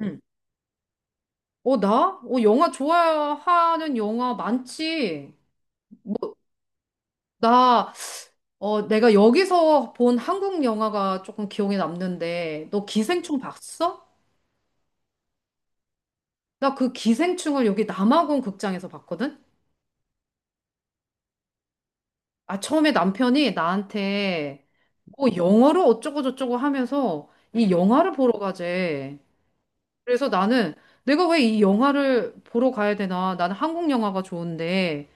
응. 나? 영화 좋아하는 영화 많지. 나, 내가 여기서 본 한국 영화가 조금 기억에 남는데, 너 기생충 봤어? 나 그 기생충을 여기 남아공 극장에서 봤거든? 아, 처음에 남편이 나한테 뭐 영어로 어쩌고저쩌고 하면서 이 영화를 보러 가재. 그래서 나는 내가 왜 이 영화를 보러 가야 되나? 나는 한국 영화가 좋은데.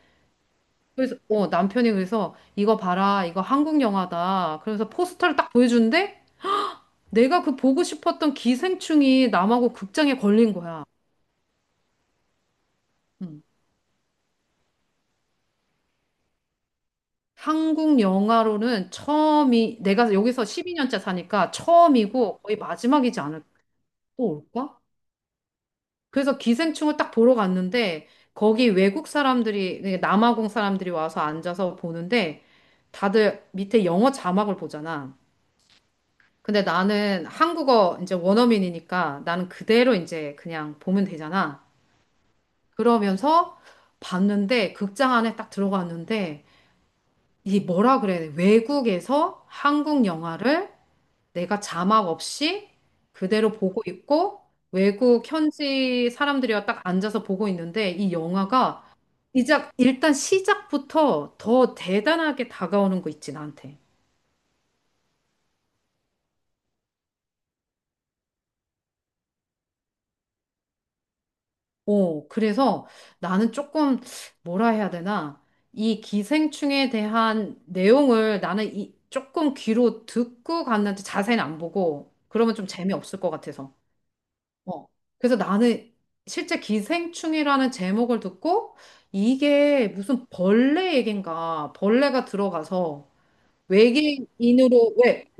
그래서 남편이 그래서 이거 봐라, 이거 한국 영화다. 그래서 포스터를 딱 보여주는데 내가 그 보고 싶었던 기생충이 남하고 극장에 걸린 거야. 음. 한국 영화로는 처음이 내가 여기서 12년째 사니까 처음이고 거의 마지막이지 않을까? 또 올까? 그래서 기생충을 딱 보러 갔는데 거기 외국 사람들이 그러니까 남아공 사람들이 와서 앉아서 보는데 다들 밑에 영어 자막을 보잖아. 근데 나는 한국어 이제 원어민이니까 나는 그대로 이제 그냥 보면 되잖아. 그러면서 봤는데 극장 안에 딱 들어갔는데 이 뭐라 그래야 돼? 외국에서 한국 영화를 내가 자막 없이 그대로 보고 있고 외국 현지 사람들이랑 딱 앉아서 보고 있는데 이 영화가 시작, 일단 시작부터 더 대단하게 다가오는 거 있지, 나한테. 오, 그래서 나는 조금 뭐라 해야 되나? 이 기생충에 대한 내용을 나는 이 조금 귀로 듣고 갔는데 자세히는 안 보고 그러면 좀 재미없을 것 같아서. 어. 그래서 나는 실제 기생충이라는 제목을 듣고 이게 무슨 벌레 얘긴가 벌레가 들어가서 외계인으로, 왜,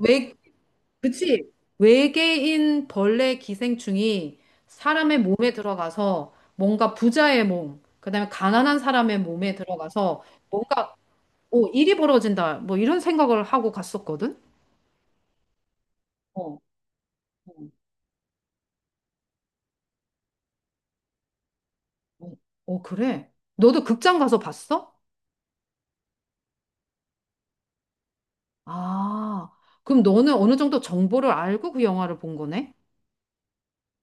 그치? 외계인 벌레 기생충이 사람의 몸에 들어가서 뭔가 부자의 몸, 그다음에 가난한 사람의 몸에 들어가서 뭔가 오, 일이 벌어진다. 뭐 이런 생각을 하고 갔었거든. 어, 어, 어, 그래. 너도 극장 가서 봤어? 아, 그럼 너는 어느 정도 정보를 알고 그 영화를 본 거네?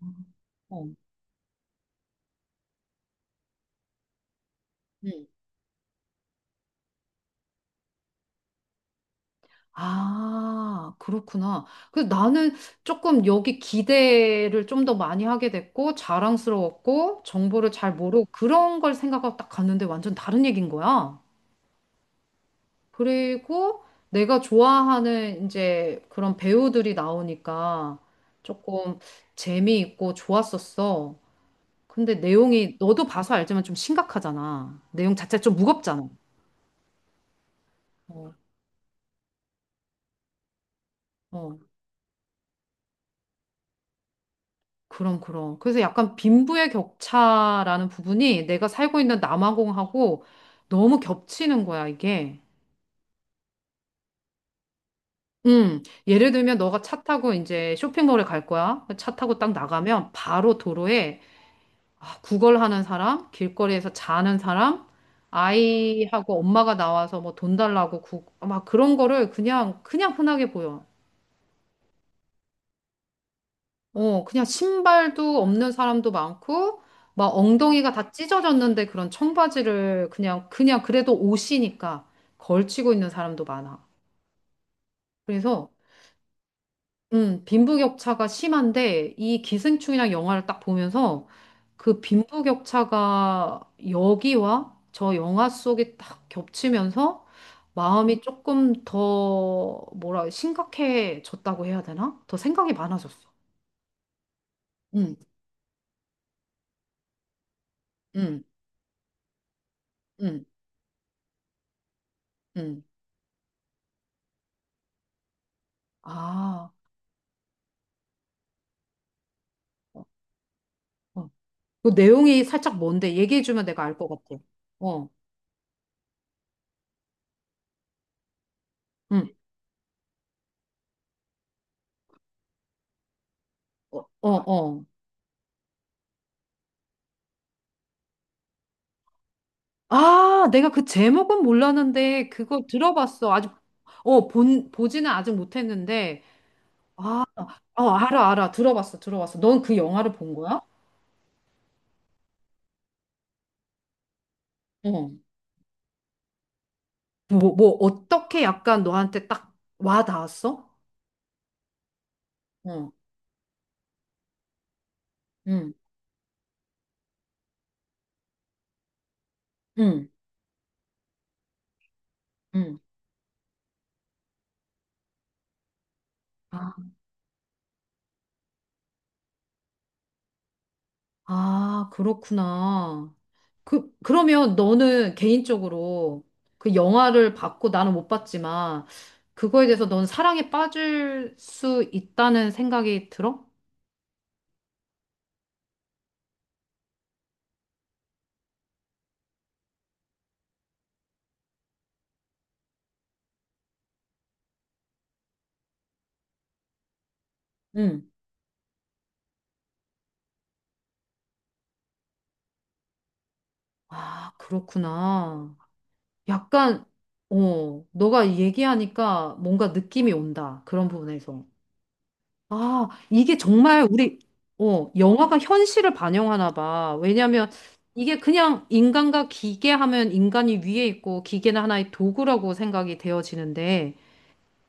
음, 어. 음. 아, 그렇구나. 그 나는 조금 여기 기대를 좀 더 많이 하게 됐고, 자랑스러웠고, 정보를 잘 모르고, 그런 걸 생각하고 딱 갔는데 완전 다른 얘기인 거야. 그리고 내가 좋아하는 이제 그런 배우들이 나오니까 조금 재미있고 좋았었어. 근데 내용이 너도 봐서 알지만 좀 심각하잖아. 내용 자체가 좀 무겁잖아. 어, 어. 그럼, 그럼. 그래서 약간 빈부의 격차라는 부분이 내가 살고 있는 남아공하고 너무 겹치는 거야, 이게. 예를 들면 너가 차 타고 이제 쇼핑몰에 갈 거야. 차 타고 딱 나가면 바로 도로에 아, 구걸하는 사람, 길거리에서 자는 사람, 아이하고 엄마가 나와서 뭐 돈 달라고 구, 막 그런 거를 그냥 흔하게 보여. 어, 그냥 신발도 없는 사람도 많고, 막 엉덩이가 다 찢어졌는데 그런 청바지를 그냥 그래도 옷이니까 걸치고 있는 사람도 많아. 그래서, 빈부격차가 심한데, 이 기생충이랑 영화를 딱 보면서 그 빈부격차가 여기와 저 영화 속에 딱 겹치면서 마음이 조금 더, 뭐라, 심각해졌다고 해야 되나? 더 생각이 많아졌어. 응, 응, 응, 응. 아. 어. 어. 그 내용이 살짝 뭔데? 얘기해주면 내가 알 것 같아. 어, 응, 어, 어, 어. 아, 내가 그 제목은 몰랐는데 그거 들어봤어. 아직, 보지는 아직 못했는데. 아, 알아. 들어봤어. 넌 그 영화를 본 거야? 어. 어떻게 약간 너한테 딱 와 닿았어? 어, 응, 응, 응. 아, 아, 그렇구나. 그러면 너는 개인적으로 그 영화를 봤고 나는 못 봤지만 그거에 대해서 넌 사랑에 빠질 수 있다는 생각이 들어? 응. 아, 그렇구나. 약간, 어, 너가 얘기하니까 뭔가 느낌이 온다. 그런 부분에서. 아, 이게 정말 우리, 어, 영화가 현실을 반영하나 봐. 왜냐면 이게 그냥 인간과 기계 하면 인간이 위에 있고 기계는 하나의 도구라고 생각이 되어지는데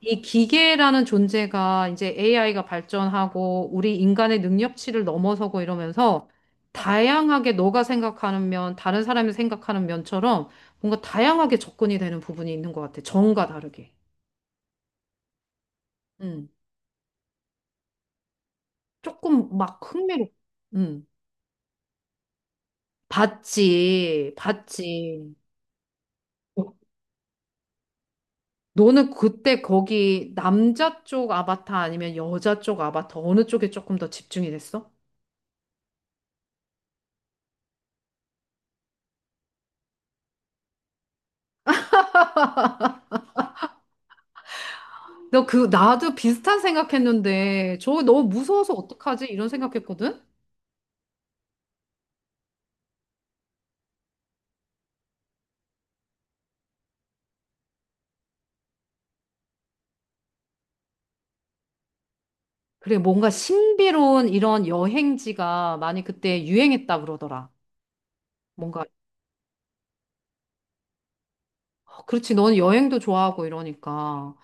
이 기계라는 존재가 이제 AI가 발전하고 우리 인간의 능력치를 넘어서고 이러면서 다양하게 너가 생각하는 면, 다른 사람이 생각하는 면처럼 뭔가 다양하게 접근이 되는 부분이 있는 것 같아. 정과 다르게. 음. 조금 막 흥미롭. 음. 봤지, 봤지. 어, 너는 그때 거기 남자 쪽 아바타 아니면 여자 쪽 아바타 어느 쪽에 조금 더 집중이 됐어? 너 그, 나도 비슷한 생각했는데, 저거 너무 무서워서 어떡하지? 이런 생각했거든? 그래, 뭔가 신비로운 이런 여행지가 많이 그때 유행했다 그러더라. 뭔가, 어, 그렇지, 넌 여행도 좋아하고 이러니까.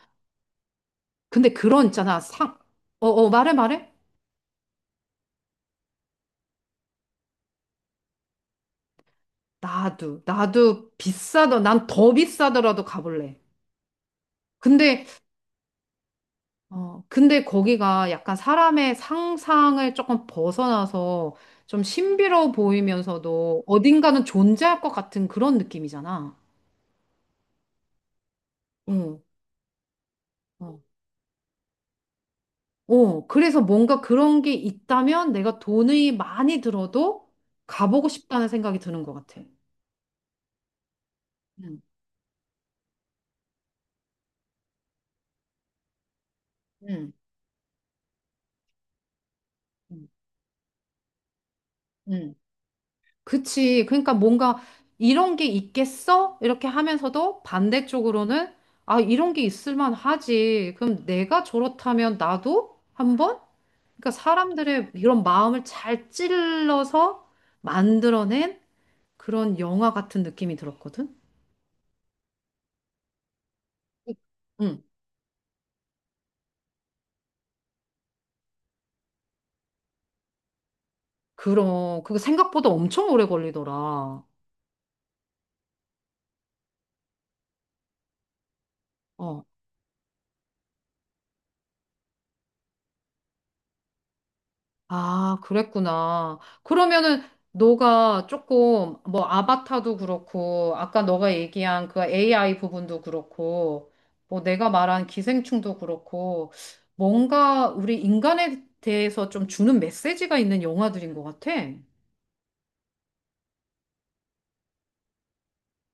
근데 그런 있잖아, 상, 어, 말해? 나도 비싸더, 난 더 비싸더라도 가볼래. 근데 근데 거기가 약간 사람의 상상을 조금 벗어나서 좀 신비로워 보이면서도 어딘가는 존재할 것 같은 그런 느낌이잖아. 어, 어. 어, 그래서 뭔가 그런 게 있다면 내가 돈이 많이 들어도 가보고 싶다는 생각이 드는 것 같아. 응, 응, 응, 응. 그치. 그러니까 뭔가 이런 게 있겠어? 이렇게 하면서도 반대쪽으로는 아, 이런 게 있을 만하지. 그럼 내가 저렇다면 나도 한번? 그러니까 사람들의 이런 마음을 잘 찔러서 만들어낸 그런 영화 같은 느낌이 들었거든? 응. 그럼 그거 생각보다 엄청 오래 걸리더라. 어. 아, 그랬구나. 그러면은 너가 조금 뭐 아바타도 그렇고 아까 너가 얘기한 그 AI 부분도 그렇고 뭐 내가 말한 기생충도 그렇고 뭔가 우리 인간에 대해서 좀 주는 메시지가 있는 영화들인 것 같아.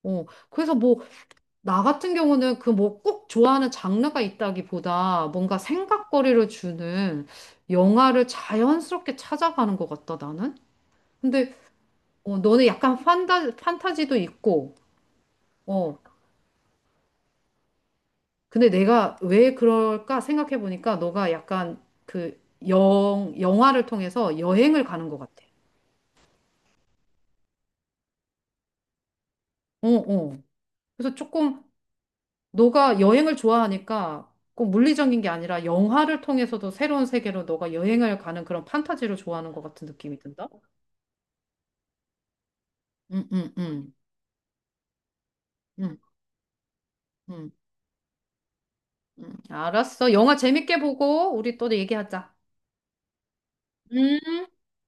어, 그래서 뭐 나 같은 경우는 그 뭐 꼭 좋아하는 장르가 있다기보다 뭔가 생각거리를 주는 영화를 자연스럽게 찾아가는 것 같다, 나는. 근데 어, 너는 약간 판타지도 있고, 어, 근데 내가 왜 그럴까 생각해 보니까 너가 약간 그 영화를 통해서 여행을 가는 것 같아. 어, 어. 그래서 조금 너가 여행을 좋아하니까 꼭 물리적인 게 아니라 영화를 통해서도 새로운 세계로 너가 여행을 가는 그런 판타지를 좋아하는 것 같은 느낌이 든다? 응, 응, 응, 응, 응, 응. 알았어. 영화 재밌게 보고 우리 또 얘기하자. 음.